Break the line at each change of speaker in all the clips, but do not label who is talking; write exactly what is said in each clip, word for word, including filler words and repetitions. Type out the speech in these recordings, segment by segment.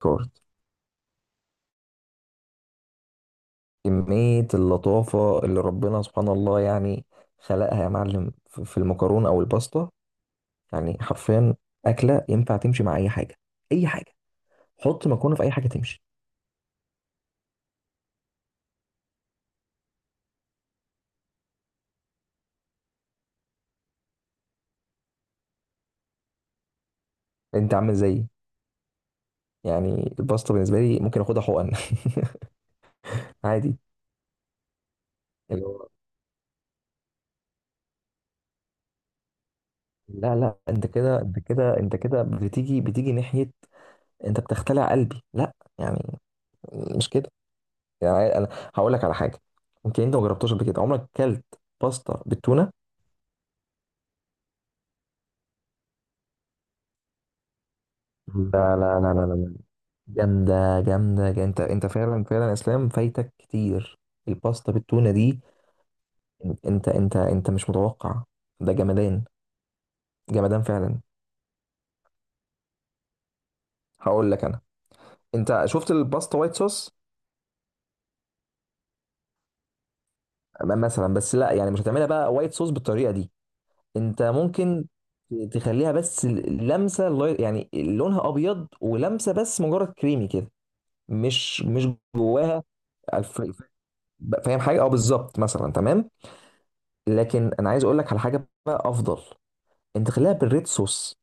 كارد. كمية اللطافة اللي ربنا سبحان الله يعني خلقها يا معلم في في المكرونة أو الباستا، يعني حرفيا أكلة ينفع تمشي مع أي حاجة، أي حاجة. حط مكرونة في أي حاجة تمشي. أنت عامل زيي، يعني الباستا بالنسبة لي ممكن آخدها حقن. عادي. اللي هو، لا لا، أنت كده أنت كده أنت كده بتيجي بتيجي ناحية، أنت بتختلع قلبي، لا يعني مش كده، يعني أنا هقول لك على حاجة، يمكن أنت ما جربتهاش قبل كده، عمرك كلت باستا بالتونة؟ لا لا لا لا لا، جامدة، جامدة جا- انت انت فعلا فعلا اسلام فايتك كتير، الباستا بالتونة دي، انت انت انت مش متوقع، ده جمدان، جمدان فعلا. هقول لك انا، انت شفت الباستا وايت صوص، م- مثلا، بس لا يعني مش هتعملها بقى وايت صوص بالطريقة دي، انت ممكن ت- تخليها بس ال- لمسة، لاي- يعني لونها ابيض ولمسة بس مجرد كريمي كده، مش مش جواها الف- فاهم حاجة، اه بالظبط مثلا تمام. لكن انا عايز اقول لك على حاجه بقى افضل، انت خليها بالريد صوص،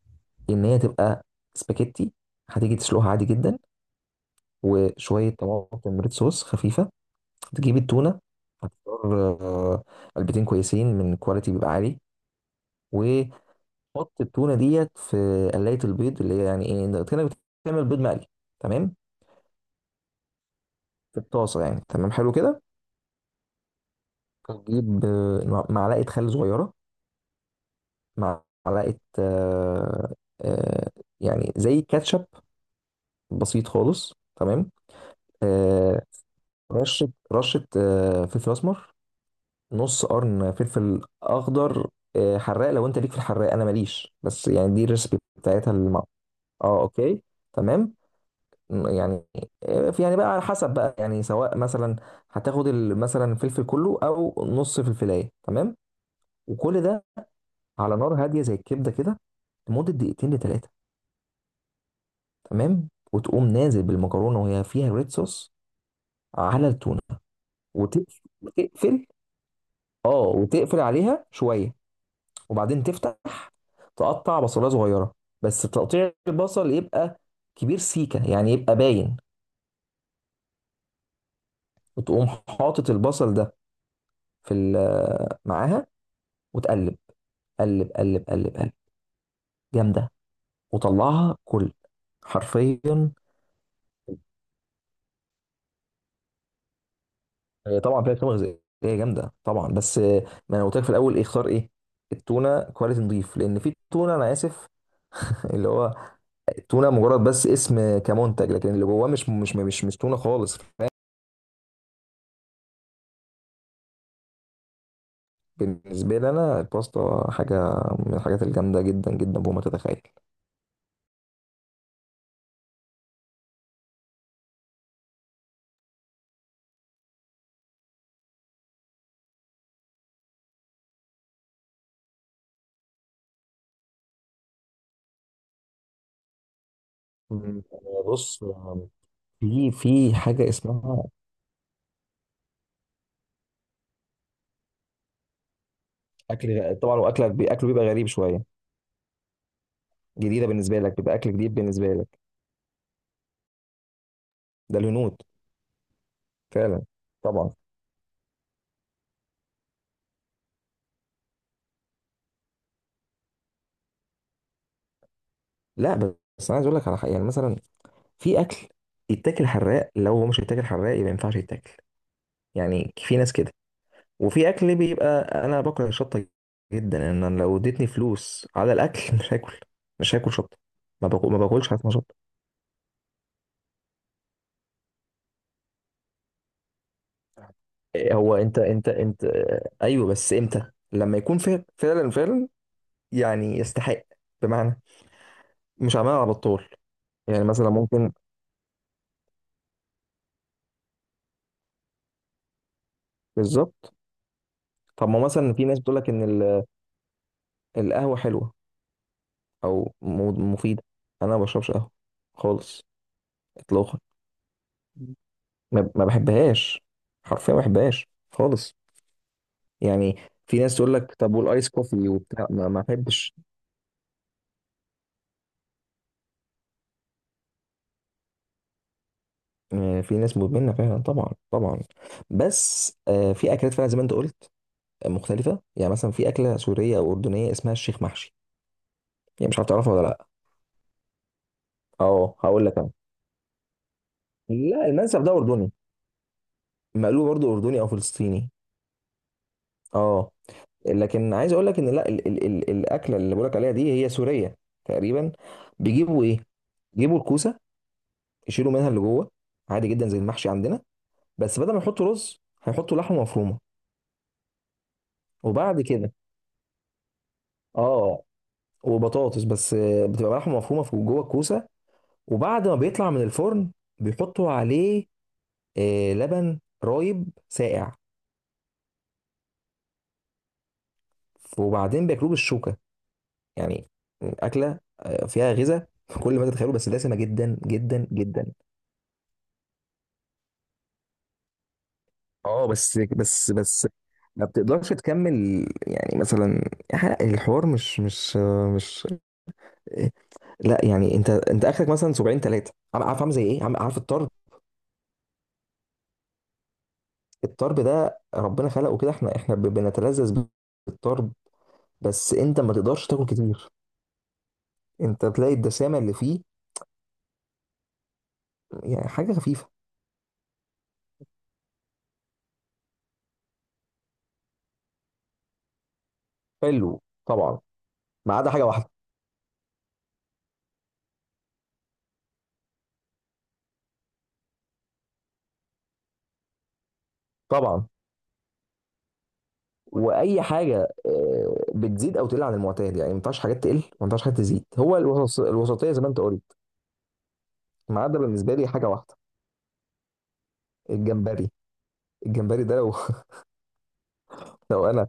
ان هي تبقى سباكيتي، هتيجي تسلقها عادي جدا، وشويه طماطم ريد صوص خفيفه، تجيب التونه، هتختار آه، علبتين كويسين من كواليتي بيبقى عالي، وحط التونه ديت في قلايه البيض اللي هي يعني ايه إنت كانك بتعمل بيض مقلي، تمام، في الطاسه يعني، تمام حلو كده، هتجيب آه، معلقه خل صغيره، معلقه آه، آه، يعني زي كاتشب، بسيط خالص تمام. آه رشة رشة آه فلفل أسمر، نص قرن فلفل أخضر، آه حراق، لو أنت ليك في الحراق أنا ماليش، بس يعني دي الريسبي بتاعتها الم... أه أوكي تمام. م- يعني آه، في- يعني بقى على حسب بقى، يعني سواء مثلا هتاخد ال- مثلا الفلفل كله أو نص فلفلاية، تمام، وكل ده على نار هادية زي الكبدة كده لمدة دقيقتين لتلاتة، تمام، وتقوم نازل بالمكرونة وهي فيها ريد صوص على التونة وتقفل. اه وتقفل عليها شويه، وبعدين تفتح، تقطع بصلايه صغيره، بس تقطيع البصل يبقى كبير سيكه، يعني يبقى باين، وتقوم حاطط البصل ده في ال- آه، معاها، وتقلب قلب قلب قلب قلب، جامده، وطلعها كل، حرفيا. هي طبعا فيها قيمه غذائيه جامده طبعا، بس آه، ما انا قلت لك في الاول ايه اختار ايه، التونه كواليتي نضيف، لان في تونه انا اسف اللي هو التونه مجرد بس اسم كمنتج، لكن اللي جواه مش مش مش مش تونه خالص. بالنسبة لي أنا الباستا حاجة من الحاجات الجامدة جدا جدا فوق ما تتخيل. مم. آه، بص، في في حاجة اسمها أكل، غ- طبعا، وأكلك بي- أكله بيبقى غريب شوية، جديدة بالنسبة لك، بيبقى أكل جديد بالنسبة لك، ده الهنود فعلا طبعا. لا، بس أنا عايز أقول لك على حاجة، يعني مثلا في أكل يتاكل حراق، لو هو مش يتاكل حراق يبقى ما ينفعش يتاكل، يعني في ناس كده، وفي اكل بيبقى انا باكل الشطه جدا ان انا لو اديتني فلوس على الاكل مش هاكل مش هاكل شطه، ما باكل ما باكلش حاجه اسمها شطه. إيه، هو انت انت انت ايوه بس امتى؟ لما يكون فعلا فعلا فعلا يعني يستحق، بمعنى مش عمال على بطال، يعني مثلا ممكن بالظبط. طب ما مثلا في ناس بتقول لك ان ال- القهوه حلوه او م- مفيده، انا ما بشربش قهوه خالص اطلاقا، ما ما بحبهاش، حرفيا ما بحبهاش خالص، يعني في ناس تقول لك طب والايس كوفي وبتاع، ما ما احبش. آه، في ناس مدمنه فعلا طبعا طبعا، بس آه، في اكلات فعلا زي ما انت قلت آه، مختلفه، يعني مثلا في اكله سوريه او اردنيه اسمها الشيخ محشي، يعني مش عارف تعرفها ولا لا؟ اه هقول لك انا، لا المنسف ده اردني، مقلوب برضه اردني او فلسطيني، اه، لكن عايز اقول لك ان، لا، ال ال ال الاكله اللي بقول لك عليها دي هي سوريه تقريبا، بيجيبوا ايه؟ بيجيبوا الكوسه، يشيلوا منها اللي جوه، عادي جدا زي المحشي عندنا، بس بدل ما يحطوا رز هيحطوا لحمه مفرومه، وبعد كده اه وبطاطس، بس آه، بتبقى لحمه مفرومه في جوه الكوسه، وبعد ما بيطلع من الفرن بيحطوا عليه آه، لبن رايب ساقع، وبعدين بياكلوه بالشوكه، يعني اكله آه، فيها غذاء في كل ما تتخيله، بس دسمه جدا جدا جدا. اه بس بس بس ما بتقدرش تكمل، يعني مثلا الحوار مش مش مش لا يعني، انت انت اخرك مثلا سبعين ثلاثه، عارف عامل زي ايه؟ عم- عارف الطرب، الطرب ده ربنا خلقه كده، احنا احنا ب- بنتلذذ بالطرب، بس انت ما تقدرش تاكل كتير، انت تلاقي الدسامه اللي فيه، يعني حاجه خفيفه حلو طبعا ما عدا حاجه واحده، طبعا واي حاجه آه، بتزيد او تقل عن المعتاد، يعني ما ينفعش حاجات تقل وما ينفعش حاجات تزيد، هو الوسط- الوسطيه زي ما انت قلت. ما عدا بالنسبه لي حاجه واحده، الجمبري، الجمبري ده لو لو انا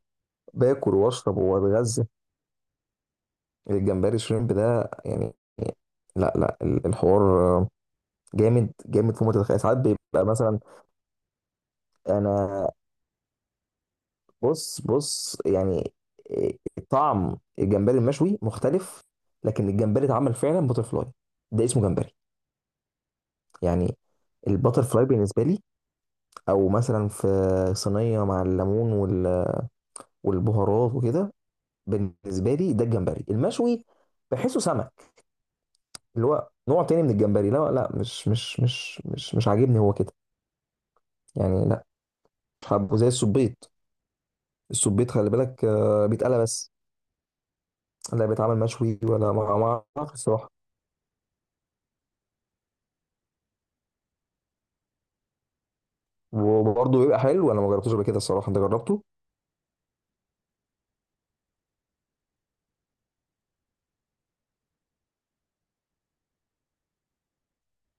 باكل واشرب واتغذى، الجمبري شريمب ده، يعني لا لا، ال- الحوار جامد جامد فوق ما تتخيل، ساعات بيبقى مثلا، انا بص بص يعني طعم الجمبري المشوي مختلف، لكن الجمبري اتعمل فعلا بتر فلاي ده اسمه جمبري، يعني البتر فلاي بالنسبه لي، او مثلا في صينيه مع الليمون وال- والبهارات وكده، بالنسبه لي ده الجمبري المشوي، بحسه سمك، اللي هو نوع تاني من الجمبري، لا لا، مش مش مش مش مش عاجبني هو كده، يعني لا مش حابه، زي السبيط، السبيط خلي بالك آه، بيتقلى بس، لا بيتعمل مشوي ولا، ما ما اعرفش الصراحه. وبرضه بيبقى حلو، انا ما جربتوش قبل كده الصراحه، انت جربته؟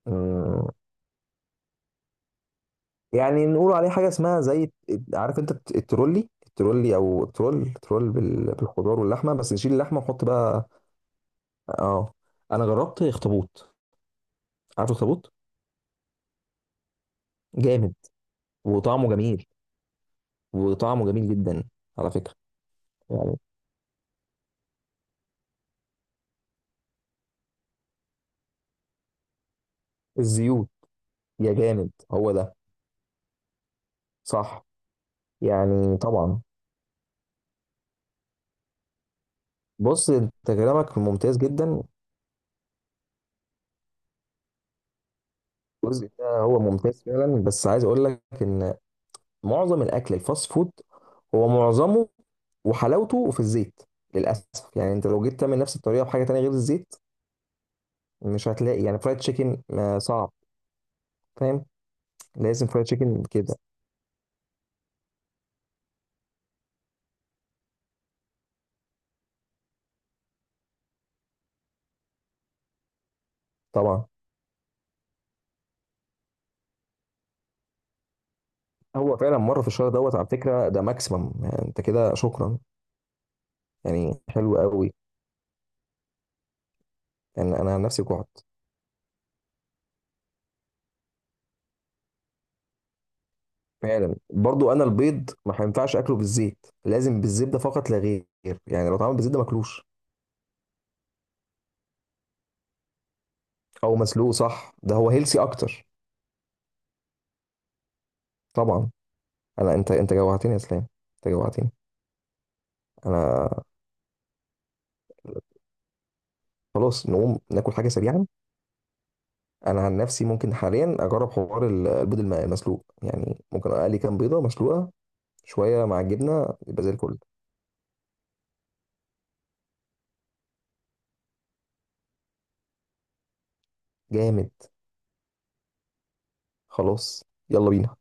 مم. يعني نقول عليه حاجه اسمها زي، عارف انت الت- الترولي الترولي او ترول ترول بال- بالخضار واللحمه، بس نشيل اللحمه ونحط بقى، اه، انا جربت اخطبوط، عارف اخطبوط جامد وطعمه جميل، وطعمه جميل جدا على فكره، يعني الزيوت، يا جامد هو ده صح، يعني طبعا، بص انت كلامك ممتاز جدا، الجزء ده هو ممتاز فعلا، بس عايز اقول لك ان معظم الاكل الفاست فود هو معظمه وحلاوته في الزيت للاسف، يعني انت لو جيت تعمل نفس الطريقه بحاجه تانية غير الزيت مش هتلاقي، يعني فرايد تشيكن آه، صعب، فاهم، لازم فرايد تشيكن كده، طبعا هو فعلا مره في الشهر دوت على فكره ده ماكسيمم، يعني انت كده شكرا، يعني حلو قوي، يعني انا عن نفسي جوعت، فعلا برضو، انا البيض ما هينفعش اكله بالزيت، لازم بالزبده فقط لا غير، يعني لو اتعمل بالزبده ماكلوش، او مسلوق صح ده هو هيلسي اكتر، طبعا. انا، انت انت جوعتني يا اسلام، انت جوعتني، انا خلاص نقوم ناكل حاجه سريعا، انا عن نفسي ممكن حاليا اجرب حوار ال- البيض الم- المسلوق، يعني ممكن اقلي كام بيضه مسلوقه شويه مع الجبنه يبقى زي الفل، جامد خلاص يلا بينا.